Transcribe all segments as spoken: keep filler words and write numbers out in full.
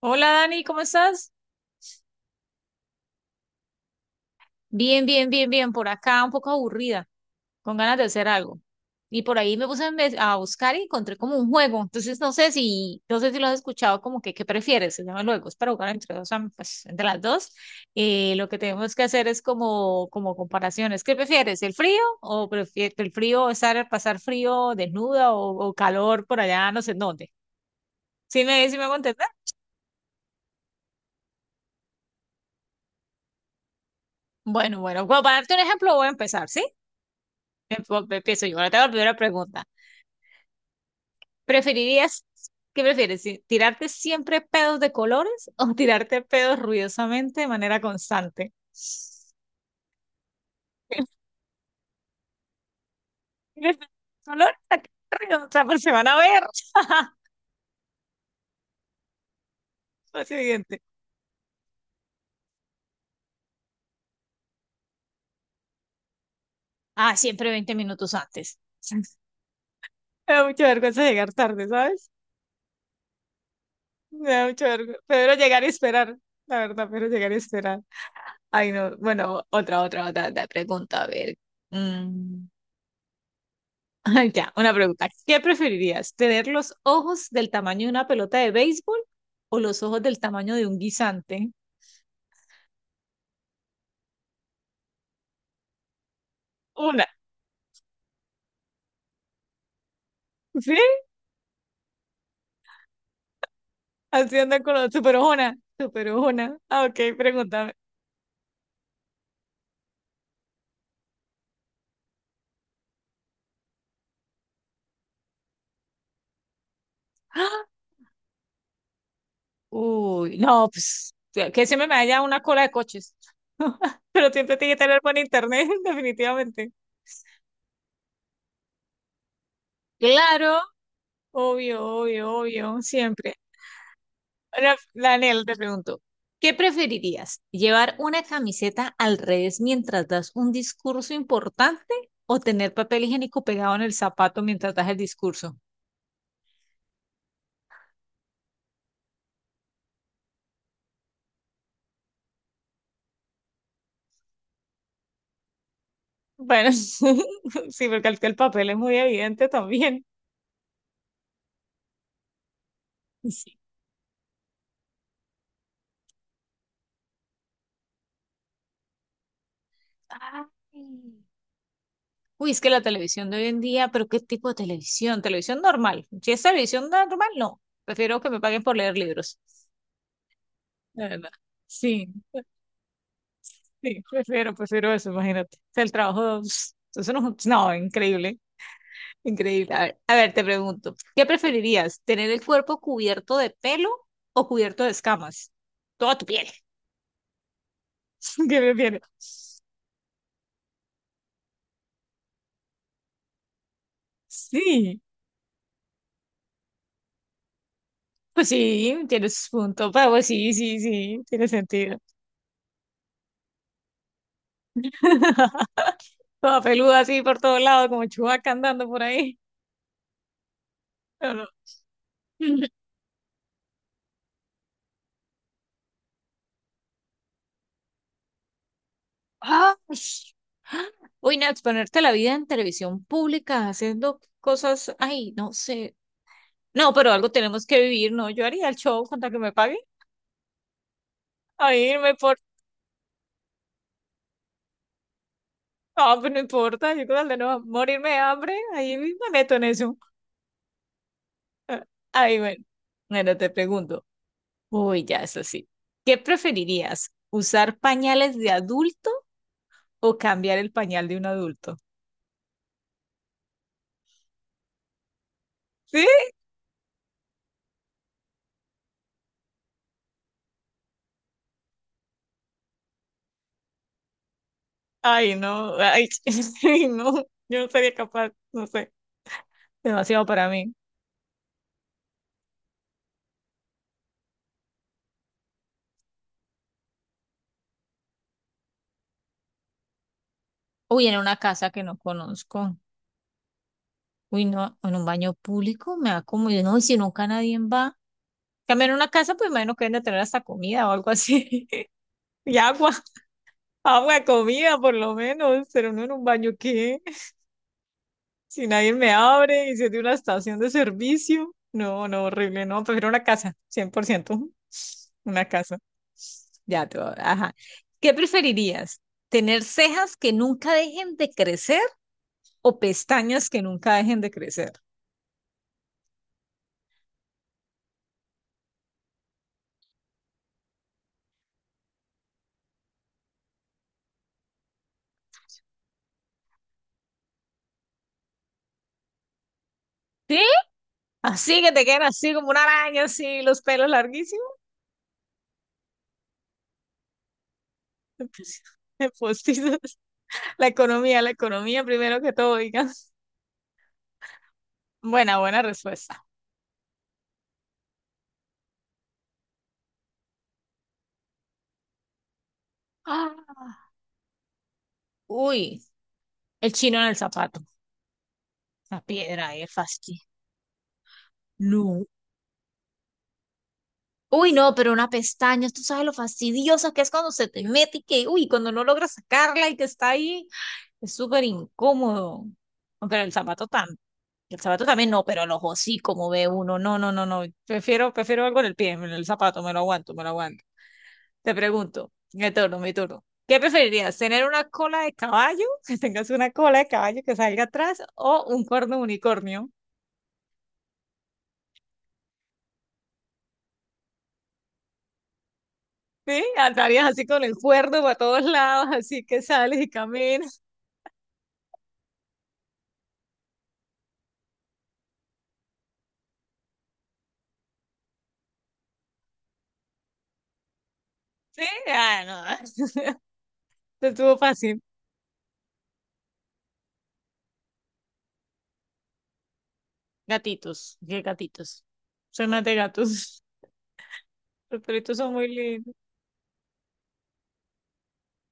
Hola Dani, ¿cómo estás? Bien, bien, bien, bien. Por acá un poco aburrida, con ganas de hacer algo. Y por ahí me puse a mes- a buscar y encontré como un juego. Entonces no sé si, no sé si lo has escuchado, como que ¿qué prefieres? Se llama el juego. Es para jugar entre dos, am- pues, entre las dos. Eh, lo que tenemos que hacer es como, como, comparaciones. ¿Qué prefieres? ¿El frío? ¿O prefieres el frío estar, pasar frío desnuda o, o calor por allá, no sé en dónde? ¿Sí me, sí me hago entender? Bueno, bueno, bueno, para darte un ejemplo voy a empezar, ¿sí? Empo- Empiezo yo. Ahora te hago la primera pregunta. ¿Preferirías, qué prefieres? si- ¿Tirarte siempre pedos de colores o tirarte pedos ruidosamente de manera constante? Colores, ¿a qué ruido? O sea, pues se van a ver. Lo siguiente. Ah, siempre veinte minutos antes. Me da mucha vergüenza llegar tarde, ¿sabes? Me da mucha vergüenza. Prefiero llegar y esperar. La verdad, prefiero llegar y esperar. Ay, no. Bueno, otra, otra, otra, otra pregunta. A ver. Mm. Ya, una pregunta. ¿Qué preferirías? ¿Tener los ojos del tamaño de una pelota de béisbol o los ojos del tamaño de un guisante? Una. ¿Sí? Así anda con los super ojona. Super ojona. Ah, ok, pregúntame. ¡Ah! Uy, no, pues que siempre me haya una cola de coches. Pero siempre tiene que tener buen internet, definitivamente. Claro, obvio, obvio, obvio, siempre. Ahora, Daniel, te pregunto, ¿qué preferirías? ¿Llevar una camiseta al revés mientras das un discurso importante o tener papel higiénico pegado en el zapato mientras das el discurso? Bueno, sí, porque el, el papel es muy evidente también. Sí. Ay. Uy, es que la televisión de hoy en día, pero ¿qué tipo de televisión? Televisión normal. Si es televisión normal, no. Prefiero que me paguen por leer libros. La verdad. Sí. Sí, prefiero, prefiero eso, imagínate. O sea, el trabajo, pss, eso no, no, increíble, increíble. A ver, a ver, te pregunto, ¿qué preferirías? ¿Tener el cuerpo cubierto de pelo o cubierto de escamas? Toda tu piel. ¿Qué prefieres? Sí, pues sí, tienes punto, pero pues sí, sí, sí, tiene sentido. Toda peluda así por todos lados, como chubaca andando por ahí. No, no. ¡Ah! Uy, no, exponerte a la vida en televisión pública haciendo cosas, ay, no sé. No, pero algo tenemos que vivir, ¿no? Yo haría el show con tal que me paguen. A irme por... Ah, pues no importa, yo con tal de no morirme de hambre, ahí me meto en eso. Ah, ahí, bueno. Bueno, te pregunto. Uy, ya es así. ¿Qué preferirías? ¿Usar pañales de adulto o cambiar el pañal de un adulto? ¿Sí? Ay, no, ay, no, yo no sería capaz, no sé. Demasiado para mí. Uy, en una casa que no conozco. Uy, no, en un baño público me da como, yo no, y si nunca nadie va. También en una casa, pues imagino que deben de tener hasta comida o algo así. Y agua, agua, comida, por lo menos. Pero no en un baño, ¿qué? Si nadie me abre y si es de una estación de servicio. No, no, horrible, no. Prefiero una casa, cien por ciento. Una casa. Ya, todo, ajá. ¿Qué preferirías? ¿Tener cejas que nunca dejen de crecer o pestañas que nunca dejen de crecer? ¿Sí? Así que te quedan así como una araña, así los pelos larguísimos. Postizos. La economía, la economía primero que todo, digan. Buena, buena respuesta. Ah, uy, el chino en el zapato. La piedra ahí, el fastidio. No. Uy, no, pero una pestaña, tú sabes lo fastidiosa que es cuando se te mete y que, uy, cuando no logras sacarla y que está ahí, es súper incómodo. No, pero el zapato tan, el zapato también no, pero los hocicos, como ve uno. No, no, no, no. Prefiero, prefiero algo en el pie, en el zapato, me lo aguanto, me lo aguanto. Te pregunto, mi turno, mi turno. ¿Qué preferirías? ¿Tener una cola de caballo? Que tengas una cola de caballo que salga atrás o un cuerno de unicornio. ¿Sí? Andarías así con el cuerno para todos lados, así que sales y caminas. Sí, ah, no. Te estuvo fácil. Gatitos, qué gatitos. Son más de gatos. Los perritos son muy lindos.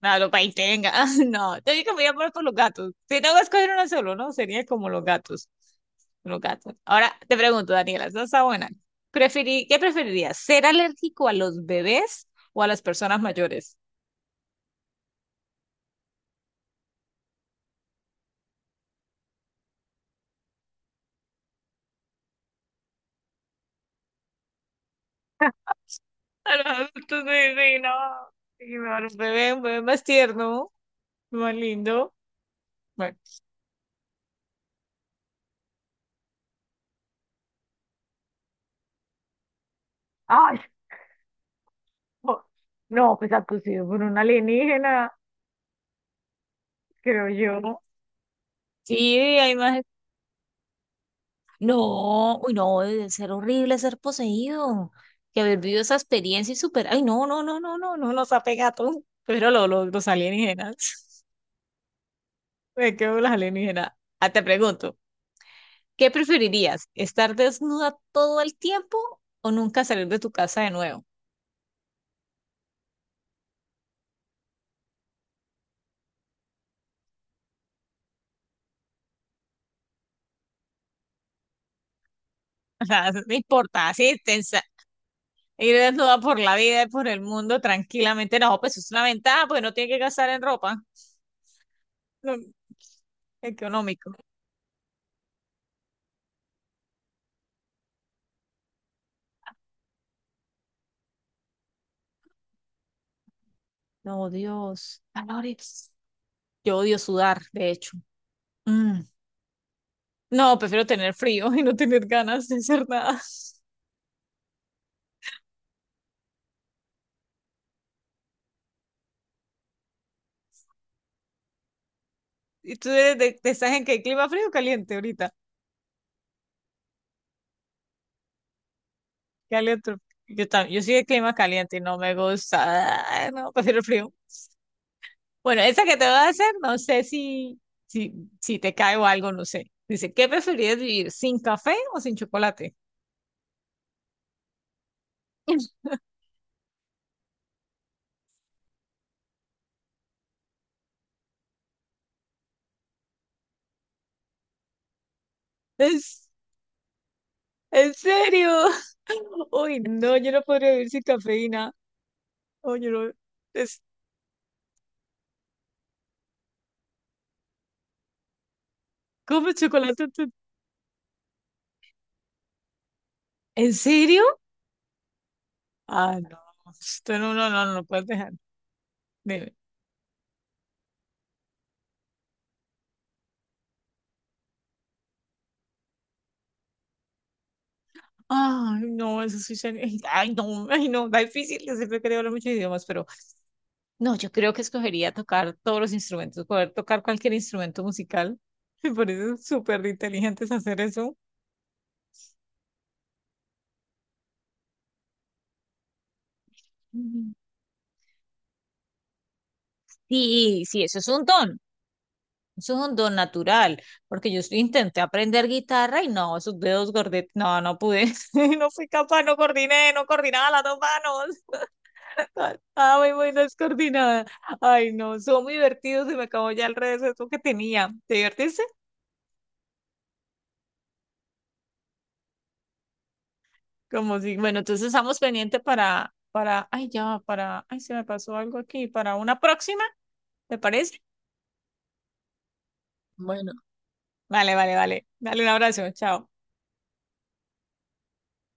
Claro, para ahí tenga. No, tengo que mirar por, por los gatos. Si tengo que escoger uno solo, ¿no? Sería como los gatos. Los gatos. Ahora te pregunto, Daniela, esta está buena. Preferi- ¿Qué preferirías? ¿Ser alérgico a los bebés o a las personas mayores? A los adultos, sí, sí, no. Sí, no, a los bebés, un bebé más tierno, más lindo. Bueno, ay, no, no, pues abducido por un alienígena, creo yo. Sí, hay más. No, uy, no, debe ser horrible ser poseído. Que haber vivido esa experiencia y superar. Ay, no, no, no, no, no, no nos ha pegado. Pero lo, lo- los alienígenas. Me quedo con los alienígenas. Ah, te pregunto, ¿qué preferirías? ¿Estar desnuda todo el tiempo o nunca salir de tu casa de nuevo? O sea, no importa, así te ensa- ir desnuda por la vida y por el mundo tranquilamente. No, pues es una ventaja, pues no tiene que gastar en ropa. No, económico. No, Dios. Valores. Yo odio sudar, de hecho. Mm. No, prefiero tener frío y no tener ganas de hacer nada. ¿Y tú eres de, de- estás en qué clima frío o caliente ahorita? Caliente. Yo también, yo soy de clima caliente y no me gusta. Ay, no, prefiero el frío. Bueno, esa que te voy a hacer, no sé si, si, si, te cae o algo, no sé. Dice, ¿qué preferirías vivir sin café o sin chocolate? ¿Es, en serio? Uy, no, yo no podría vivir sin cafeína. Oye, no. Es, ¿Comes chocolate? ¿En serio? Ah, no. Esto no, no, no, no lo puedes dejar. Dime. Ay, no, eso sí sería. Ay, no, ay, no, está difícil. Yo siempre quería hablar muchos idiomas, pero no, yo creo que escogería tocar todos los instrumentos, poder tocar cualquier instrumento musical. Me parece súper inteligentes hacer eso. Mm. Sí, sí, eso es un don. Eso es un don natural, porque yo sí intenté aprender guitarra y no, esos dedos gordetes, no, no pude, no fui capaz, no coordiné, no coordinaba las dos manos. Ah, ah, muy, muy descoordinada. Ay, no, son muy divertidos, se me acabó ya el receso que tenía. ¿Te divertiste? Como si, bueno, entonces estamos pendientes para, para, ay, ya, va, para, ay, se me pasó algo aquí, para una próxima, ¿te parece? Bueno, vale, vale, vale. Dale un abrazo, chao.